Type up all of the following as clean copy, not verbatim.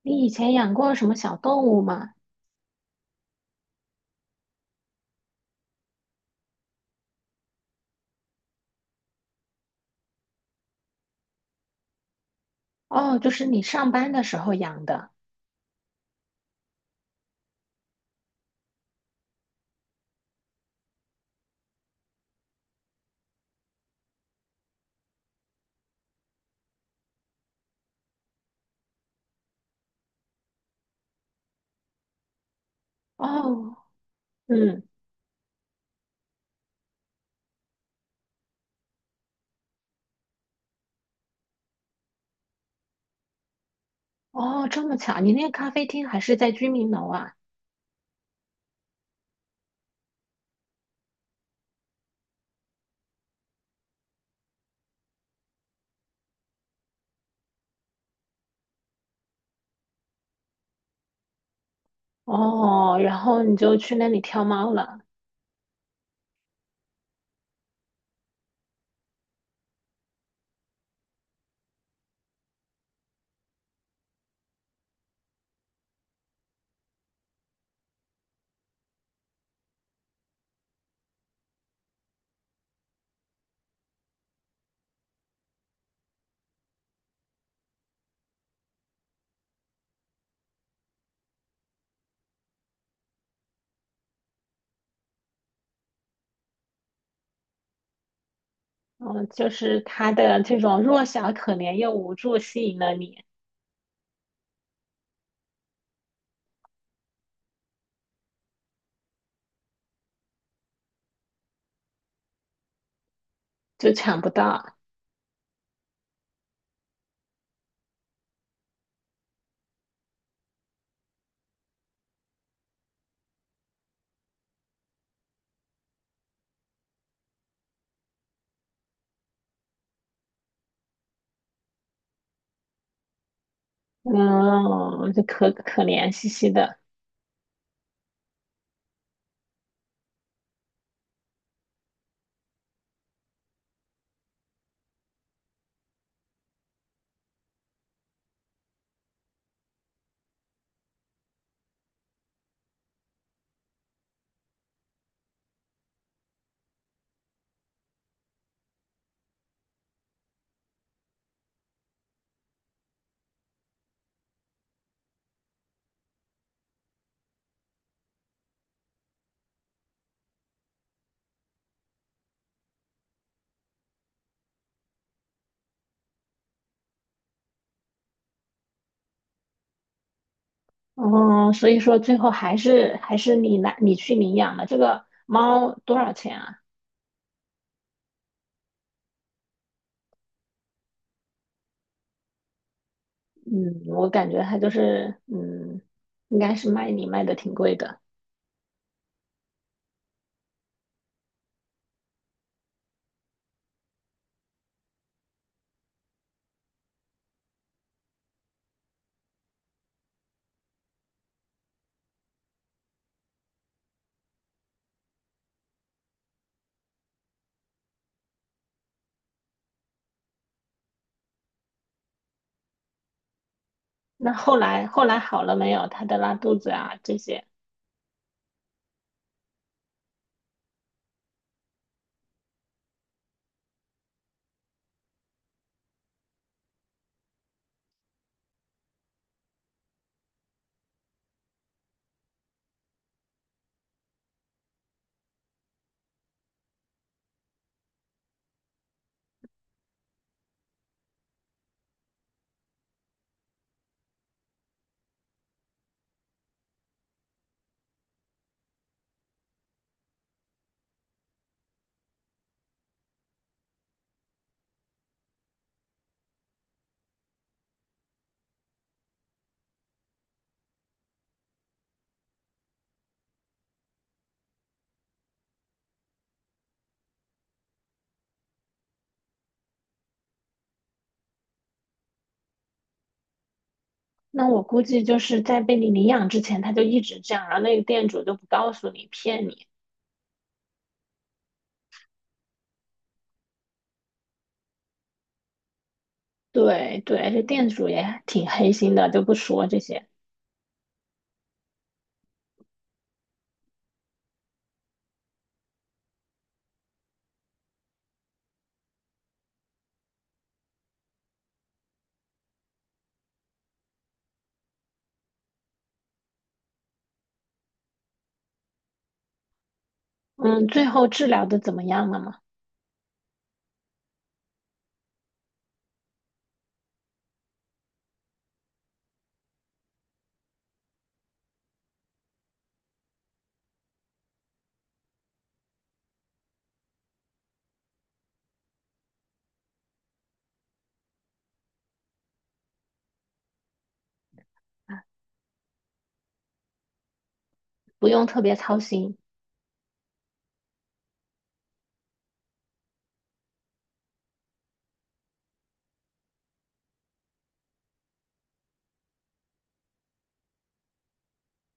你以前养过什么小动物吗？哦，就是你上班的时候养的。哦。嗯。哦，这么巧，你那个咖啡厅还是在居民楼啊？哦，然后你就去那里挑猫了。哦，就是它的这种弱小、可怜又无助吸引了你。就抢不到。嗯，就可可怜兮兮的。哦，所以说最后还是你来你去领养了这个猫，多少钱啊？嗯，我感觉他就是，嗯，应该是卖你卖的挺贵的。那后来好了没有？他的拉肚子啊这些。那我估计就是在被你领养之前，他就一直这样，然后那个店主就不告诉你，骗你。对对，而且店主也挺黑心的，就不说这些。嗯，最后治疗的怎么样了嘛？不用特别操心。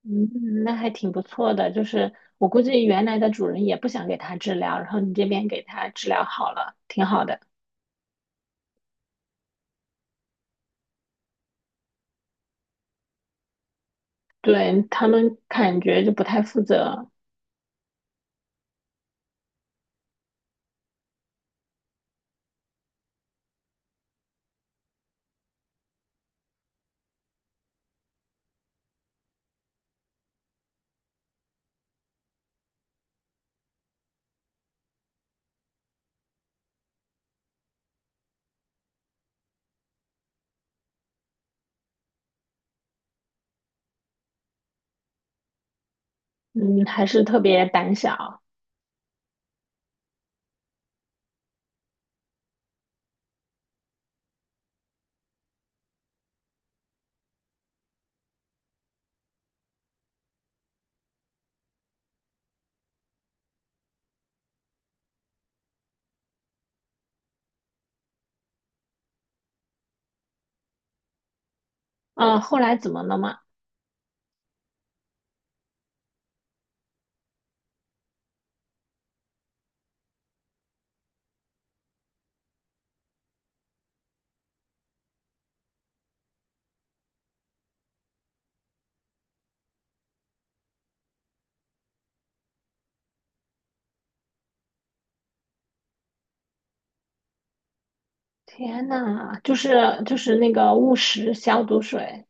嗯，那还挺不错的。就是我估计原来的主人也不想给他治疗，然后你这边给他治疗好了，挺好的。对，他们感觉就不太负责。嗯，还是特别胆小。啊，后来怎么了嘛？天呐，就是那个误食消毒水。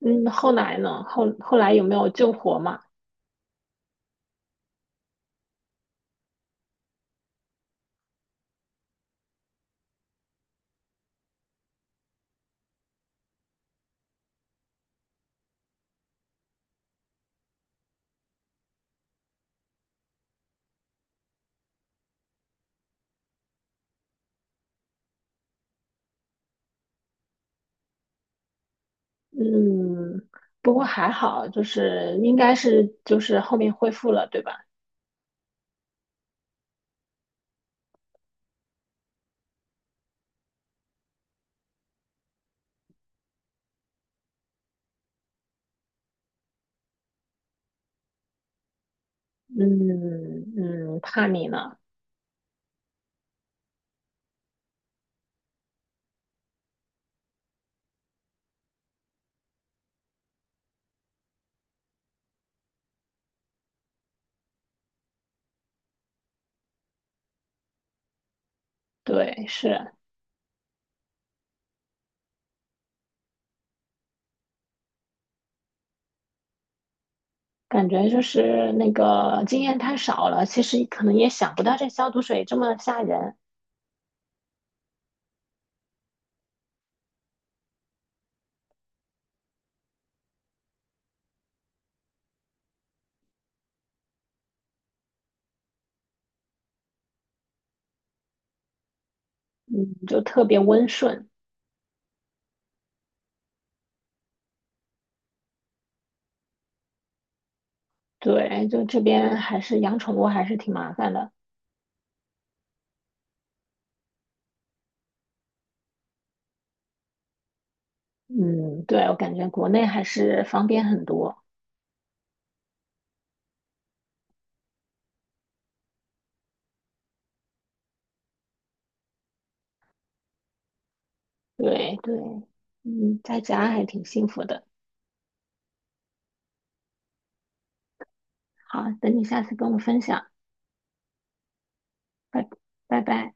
嗯，后来呢？后来有没有救活嘛？嗯，不过还好，就是应该是就是后面恢复了，对吧？嗯。嗯，怕你呢。对，是。感觉就是那个经验太少了，其实可能也想不到这消毒水这么吓人。嗯，就特别温顺。对，就这边还是养宠物还是挺麻烦的。嗯，对，我感觉国内还是方便很多。对对。嗯，在家还挺幸福的。好，等你下次跟我分享。拜拜。